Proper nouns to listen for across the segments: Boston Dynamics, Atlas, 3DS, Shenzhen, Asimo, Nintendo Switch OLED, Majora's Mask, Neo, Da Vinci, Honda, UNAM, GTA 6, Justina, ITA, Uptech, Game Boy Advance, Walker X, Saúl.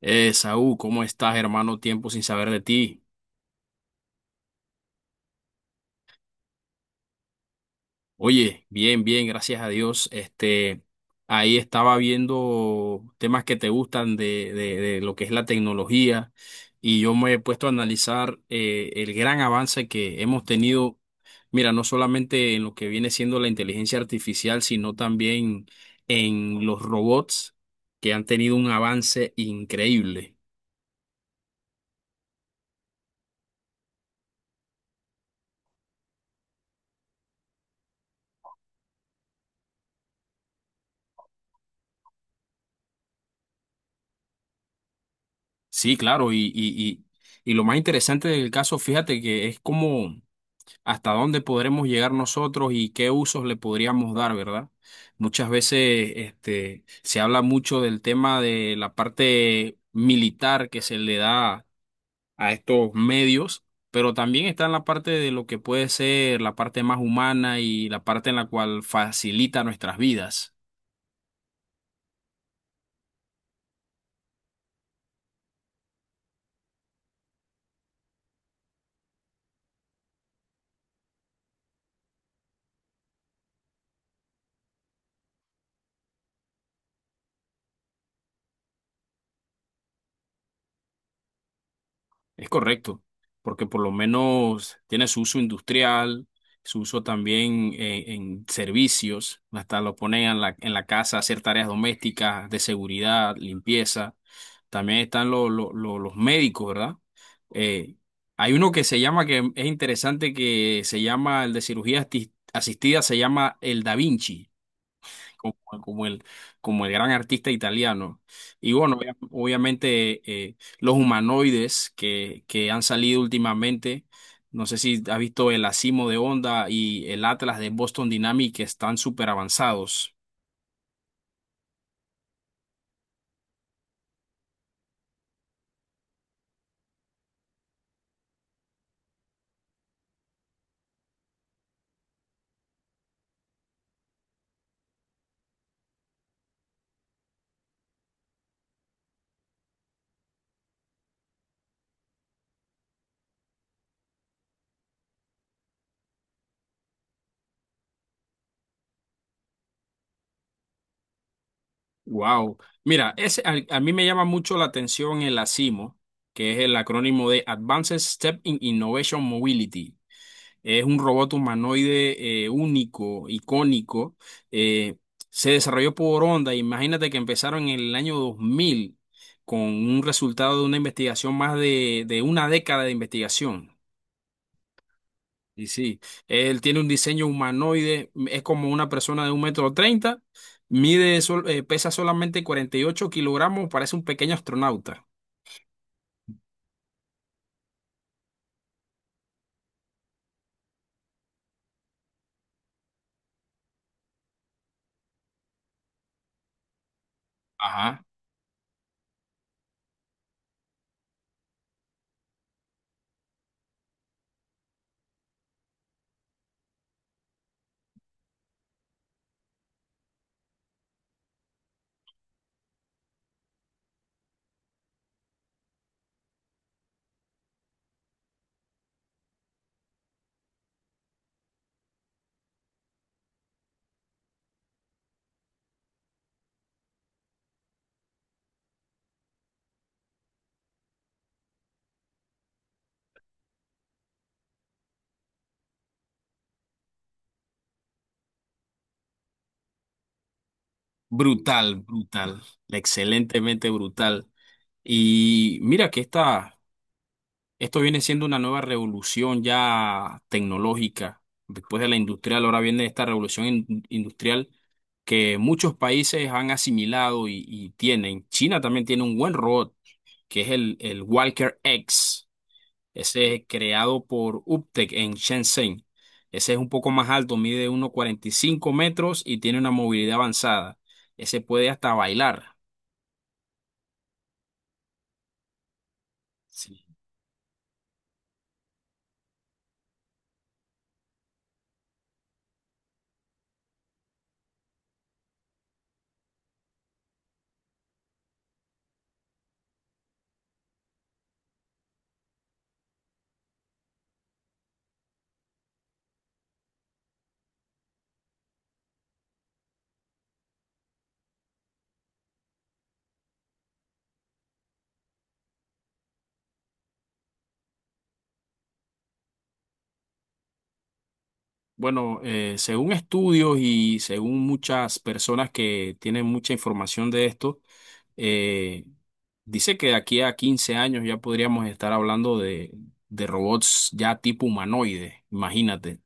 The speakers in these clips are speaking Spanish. Saúl, ¿cómo estás, hermano? Tiempo sin saber de ti. Oye, bien, bien, gracias a Dios. Este, ahí estaba viendo temas que te gustan de lo que es la tecnología y yo me he puesto a analizar el gran avance que hemos tenido, mira, no solamente en lo que viene siendo la inteligencia artificial, sino también en los robots que han tenido un avance increíble. Sí, claro, y, y lo más interesante del caso, fíjate que es como hasta dónde podremos llegar nosotros y qué usos le podríamos dar, ¿verdad? Muchas veces este, se habla mucho del tema de la parte militar que se le da a estos medios, pero también está en la parte de lo que puede ser la parte más humana y la parte en la cual facilita nuestras vidas. Es correcto, porque por lo menos tiene su uso industrial, su uso también en servicios, hasta lo ponen en en la casa a hacer tareas domésticas, de seguridad, limpieza. También están los médicos, ¿verdad? Eh, hay uno que se llama, que es interesante, que se llama el de cirugía asistida, se llama el Da Vinci como, como el, como el gran artista italiano. Y bueno, obviamente los humanoides que han salido últimamente, no sé si has visto el Asimo de Honda y el Atlas de Boston Dynamics que están súper avanzados. Wow. Mira, a mí me llama mucho la atención el ASIMO, que es el acrónimo de Advanced Step in Innovation Mobility. Es un robot humanoide único, icónico. Eh, se desarrolló por Honda. Imagínate que empezaron en el año 2000 con un resultado de una investigación más de una década de investigación. Y sí, él tiene un diseño humanoide, es como una persona de 1,30 metros, mide, pesa solamente 48 kilogramos, parece un pequeño astronauta. Ajá. Brutal, brutal, excelentemente brutal. Y mira que esta, Esto viene siendo una nueva revolución ya tecnológica. Después de la industrial, ahora viene esta revolución industrial que muchos países han asimilado y tienen. China también tiene un buen robot, que es el Walker X. Ese es creado por Uptech en Shenzhen. Ese es un poco más alto, mide 1,45 metros y tiene una movilidad avanzada. Ese puede hasta bailar. Sí, bueno, según estudios y según muchas personas que tienen mucha información de esto, eh, dice que de aquí a 15 años ya podríamos estar hablando de robots ya tipo humanoide, imagínate.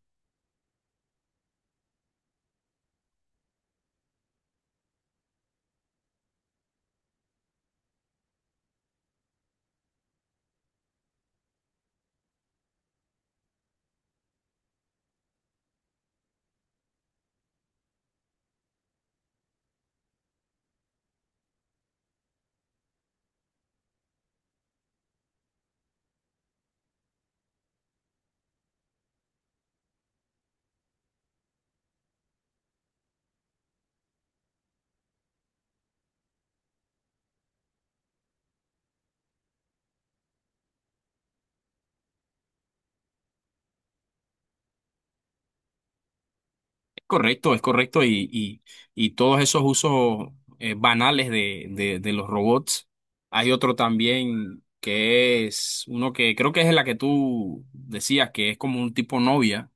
Es correcto y todos esos usos banales de los robots. Hay otro también que es uno que creo que es la que tú decías, que es como un tipo novia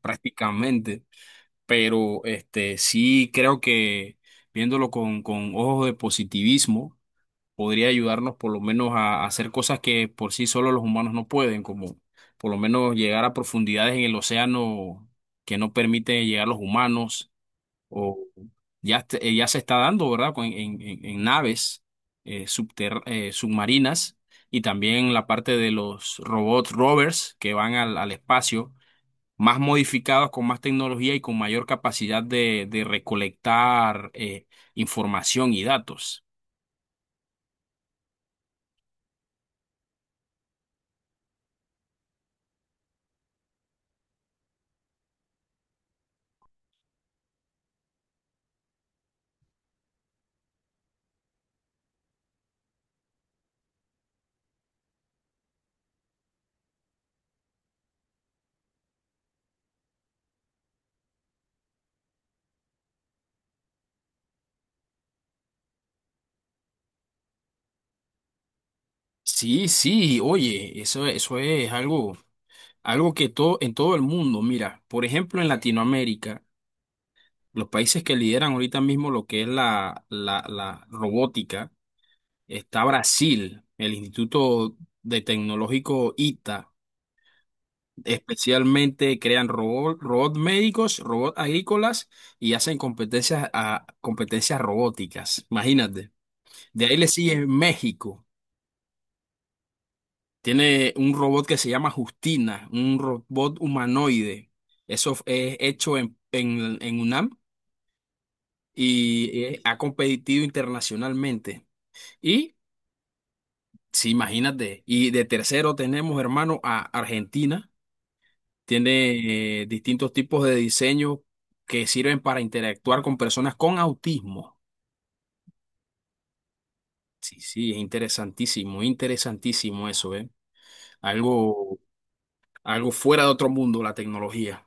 prácticamente. Pero este sí creo que viéndolo con ojos de positivismo podría ayudarnos por lo menos a hacer cosas que por sí solo los humanos no pueden, como por lo menos llegar a profundidades en el océano que no permiten llegar los humanos, o ya se está dando, ¿verdad? En naves submarinas y también la parte de los robots rovers que van al al espacio más modificados, con más tecnología y con mayor capacidad de recolectar información y datos. Sí, sí, oye, eso es algo, algo que todo, en todo el mundo, mira, por ejemplo, en Latinoamérica, los países que lideran ahorita mismo lo que es la robótica, está Brasil, el Instituto de Tecnológico ITA. Especialmente crean robots, robots médicos, robots agrícolas y hacen competencias, a, competencias robóticas. Imagínate. De ahí le sigue México. Tiene un robot que se llama Justina, un robot humanoide. Eso es hecho en UNAM y ha competido internacionalmente. Y, sí, imagínate. Y de tercero tenemos, hermano, a Argentina. Tiene distintos tipos de diseño que sirven para interactuar con personas con autismo. Sí, sí, es interesantísimo, interesantísimo eso, ¿eh? Algo, algo fuera de otro mundo, la tecnología.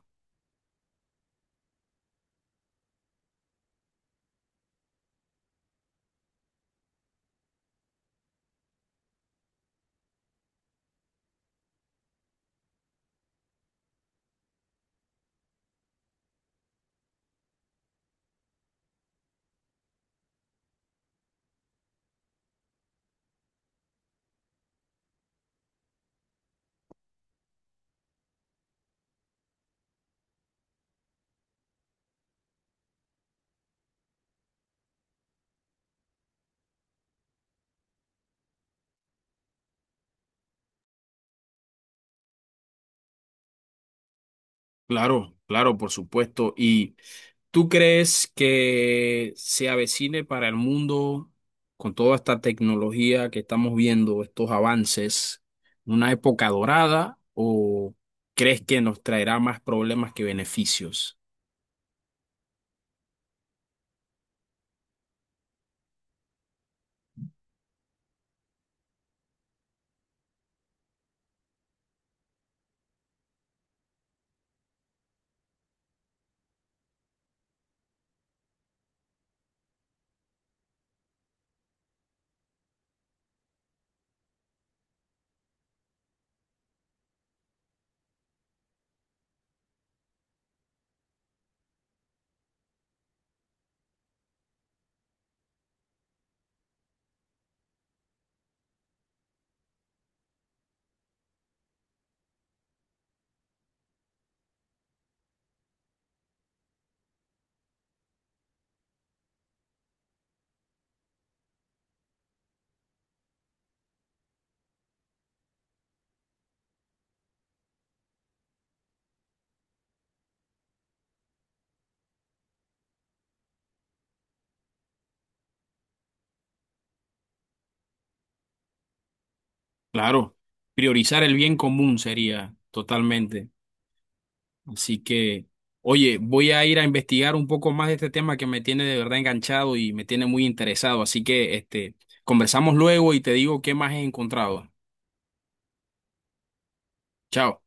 Claro, claro, por supuesto. ¿Y tú crees que se avecine para el mundo con toda esta tecnología que estamos viendo, estos avances, una época dorada o crees que nos traerá más problemas que beneficios? Claro, priorizar el bien común sería totalmente. Así que, oye, voy a ir a investigar un poco más de este tema que me tiene de verdad enganchado y me tiene muy interesado. Así que, este, conversamos luego y te digo qué más he encontrado. Chao.